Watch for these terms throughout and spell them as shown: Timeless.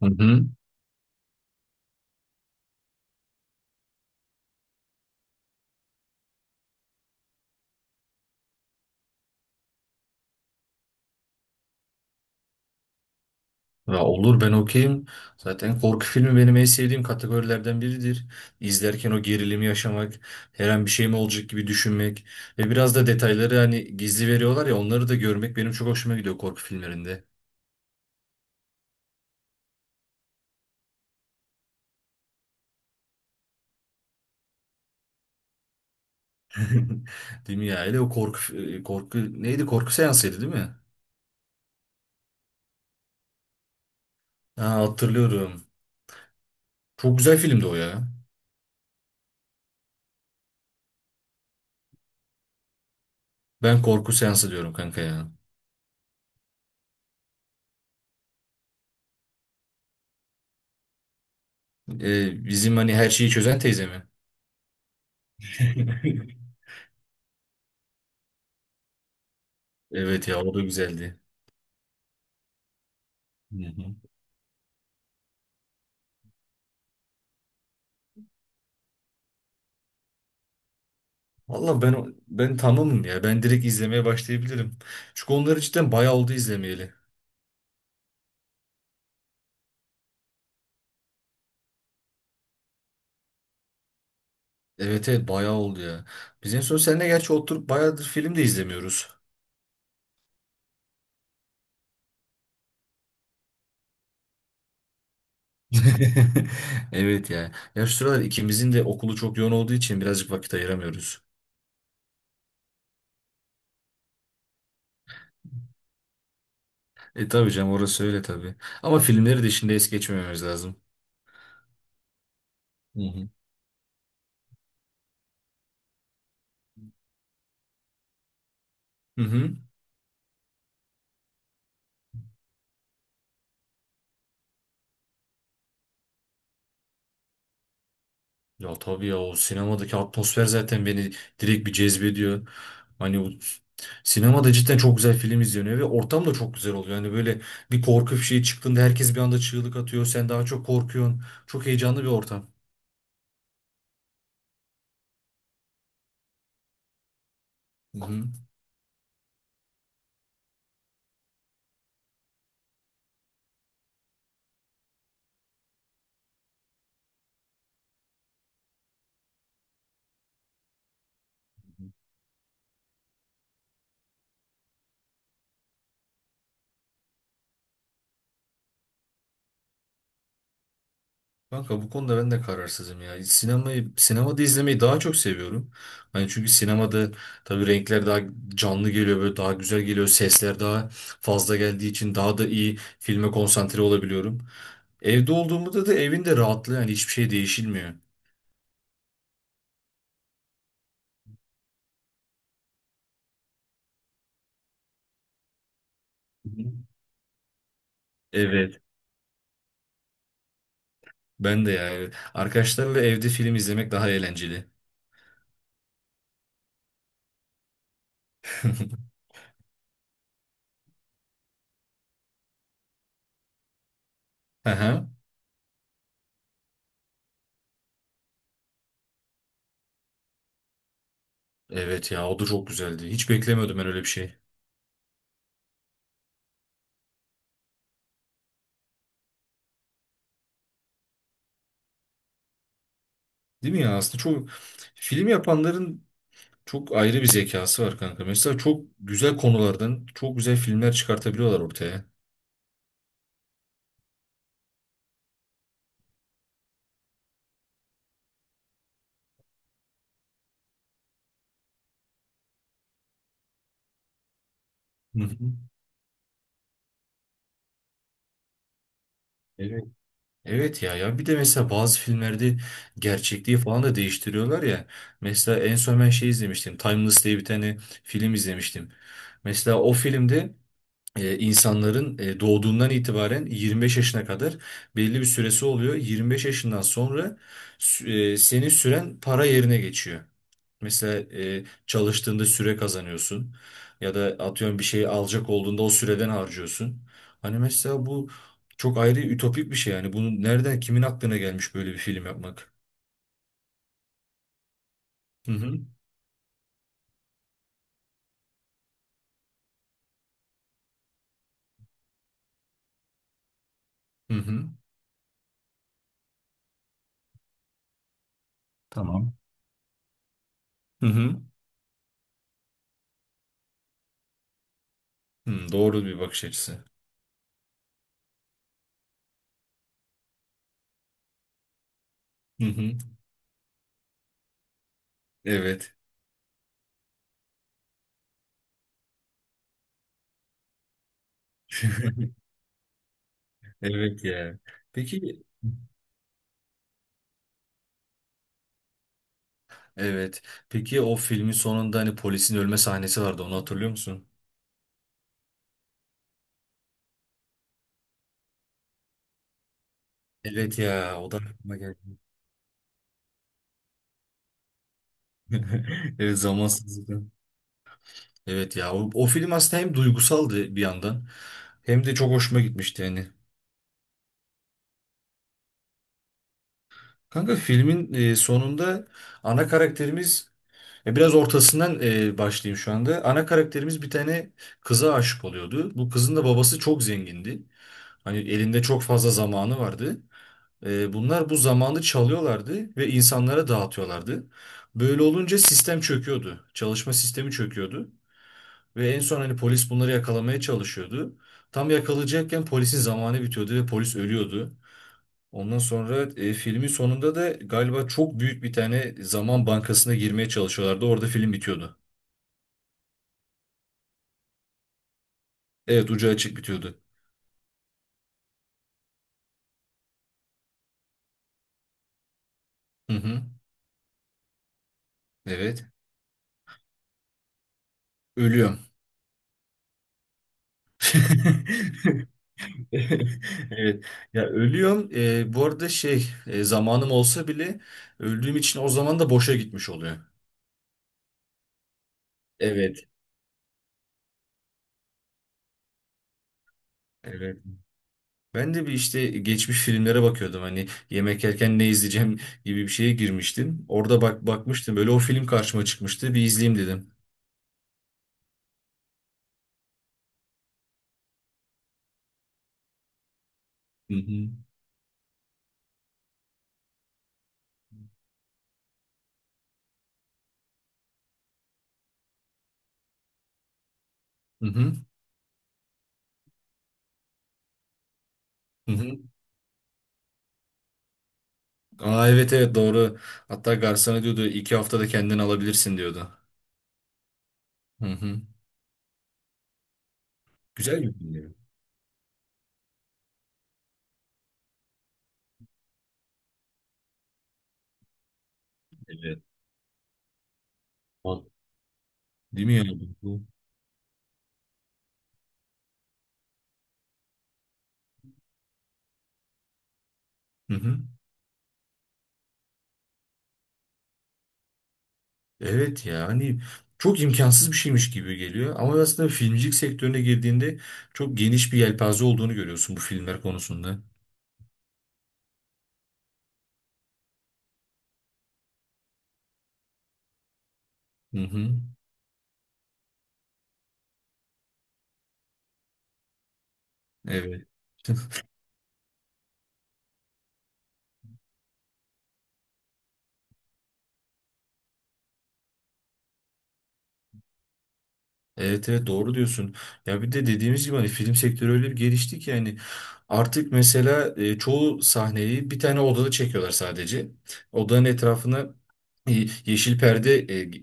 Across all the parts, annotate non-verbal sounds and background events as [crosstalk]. Hı hı. Ya olur ben okeyim. Zaten korku filmi benim en sevdiğim kategorilerden biridir. İzlerken o gerilimi yaşamak, her an bir şey mi olacak gibi düşünmek ve biraz da detayları hani gizli veriyorlar ya onları da görmek benim çok hoşuma gidiyor korku filmlerinde. [laughs] Değil mi ya? Hele o korku neydi? Korku seansıydı değil mi? Ha, hatırlıyorum. Çok güzel filmdi o ya. Ben korku seansı diyorum kanka ya. Bizim hani her şeyi çözen teyze mi? [laughs] Evet ya o da güzeldi. Hı hı. Valla ben tamamım ya. Ben direkt izlemeye başlayabilirim. Çünkü onları cidden bayağı oldu izlemeyeli. Evet evet bayağı oldu ya. Biz en son seninle gerçi oturup bayağıdır film de izlemiyoruz. [laughs] Evet ya. Ya şu sıralar ikimizin de okulu çok yoğun olduğu için birazcık vakit ayıramıyoruz. E tabii canım orası öyle tabii. Ama filmleri de şimdi es geçmememiz lazım. Hı hı. Hı hı. Ya tabii ya o sinemadaki atmosfer zaten beni direkt bir cezbediyor. Hani o sinemada cidden çok güzel film izleniyor ve ortam da çok güzel oluyor. Hani böyle bir korku bir şey çıktığında herkes bir anda çığlık atıyor. Sen daha çok korkuyorsun. Çok heyecanlı bir ortam. Hı hı. Kanka bu konuda ben de kararsızım ya. Sinemayı, sinemada izlemeyi daha çok seviyorum. Hani çünkü sinemada tabii renkler daha canlı geliyor, böyle daha güzel geliyor. Sesler daha fazla geldiği için daha da iyi filme konsantre olabiliyorum. Evde olduğumda da evin de rahatlığı yani hiçbir şey değişilmiyor. Hı hı. Evet. Ben de yani arkadaşlarla evde film izlemek daha eğlenceli. [laughs] Aha. Evet ya o da çok güzeldi. Hiç beklemiyordum ben öyle bir şey. Değil mi ya? Aslında çok film yapanların çok ayrı bir zekası var kanka. Mesela çok güzel konulardan çok güzel filmler çıkartabiliyorlar ortaya. Hı hı. Evet. Evet ya ya bir de mesela bazı filmlerde gerçekliği falan da değiştiriyorlar ya. Mesela en son ben şey izlemiştim. Timeless diye bir tane film izlemiştim. Mesela o filmde insanların doğduğundan itibaren 25 yaşına kadar belli bir süresi oluyor. 25 yaşından sonra senin süren para yerine geçiyor. Mesela çalıştığında süre kazanıyorsun ya da atıyorum bir şey alacak olduğunda o süreden harcıyorsun. Hani mesela bu çok ayrı ütopik bir şey yani. Bunu nereden kimin aklına gelmiş böyle bir film yapmak? Hı hı. Hı hı. Tamam. Hı hı. Hı, doğru bir bakış açısı. Hı hı. Evet. [laughs] Evet ya. Peki evet. Peki o filmin sonunda hani polisin ölme sahnesi vardı. Onu hatırlıyor musun? Evet ya. O da aklıma geldi. [laughs] Evet zamansızlıkla. Evet ya. O film aslında hem duygusaldı bir yandan. Hem de çok hoşuma gitmişti yani. Kanka filmin sonunda ana karakterimiz biraz ortasından başlayayım şu anda. Ana karakterimiz bir tane kıza aşık oluyordu. Bu kızın da babası çok zengindi. Hani elinde çok fazla zamanı vardı. Bunlar bu zamanı çalıyorlardı ve insanlara dağıtıyorlardı. Böyle olunca sistem çöküyordu. Çalışma sistemi çöküyordu. Ve en son hani polis bunları yakalamaya çalışıyordu. Tam yakalayacakken polisin zamanı bitiyordu ve polis ölüyordu. Ondan sonra filmin sonunda da galiba çok büyük bir tane zaman bankasına girmeye çalışıyorlardı. Orada film bitiyordu. Evet ucu açık bitiyordu. Hı hı. Evet. Ölüyorum. [laughs] Evet. Ya ölüyorum. Bu arada zamanım olsa bile öldüğüm için o zaman da boşa gitmiş oluyor. Evet. Evet. Ben de bir işte geçmiş filmlere bakıyordum. Hani yemek yerken ne izleyeceğim gibi bir şeye girmiştim. Orada bak bakmıştım. Böyle o film karşıma çıkmıştı. Bir izleyeyim dedim. Hı hı. Hı hı. Hı hı. Aa evet evet doğru. Hatta garsona diyordu iki haftada kendini alabilirsin diyordu. Hı hı. Güzel bir film görünüyor. Evet. Val- Değil mi ya Bu- Hı hı. Evet ya hani çok imkansız bir şeymiş gibi geliyor. Ama aslında filmcilik sektörüne girdiğinde çok geniş bir yelpaze olduğunu görüyorsun bu filmler konusunda. Hı hı. Evet. Evet evet doğru diyorsun. Ya bir de dediğimiz gibi hani film sektörü öyle bir gelişti ki yani artık mesela çoğu sahneyi bir tane odada çekiyorlar sadece. Odanın etrafına yeşil perde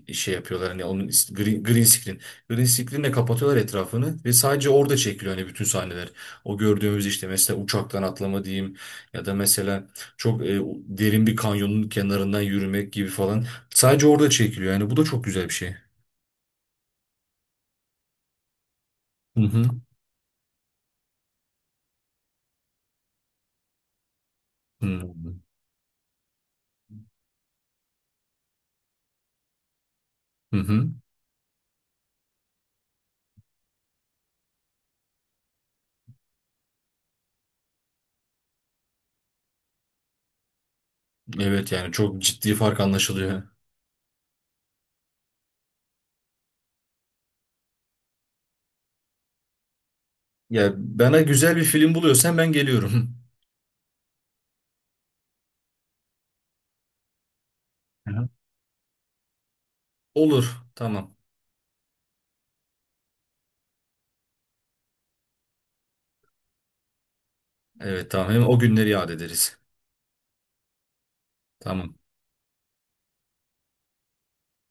yapıyorlar hani green screen. Green screen'le kapatıyorlar etrafını ve sadece orada çekiliyor hani bütün sahneler. O gördüğümüz işte mesela uçaktan atlama diyeyim ya da mesela çok derin bir kanyonun kenarından yürümek gibi falan. Sadece orada çekiliyor yani bu da çok güzel bir şey. Hı hı. Hı hı. hı. Evet yani çok ciddi fark anlaşılıyor. Ya bana güzel bir film buluyorsan ben geliyorum. Hı hı. Olur tamam. Evet tamam hem o günleri yad ederiz. Tamam.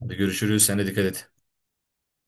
Hadi görüşürüz. Sen de dikkat et.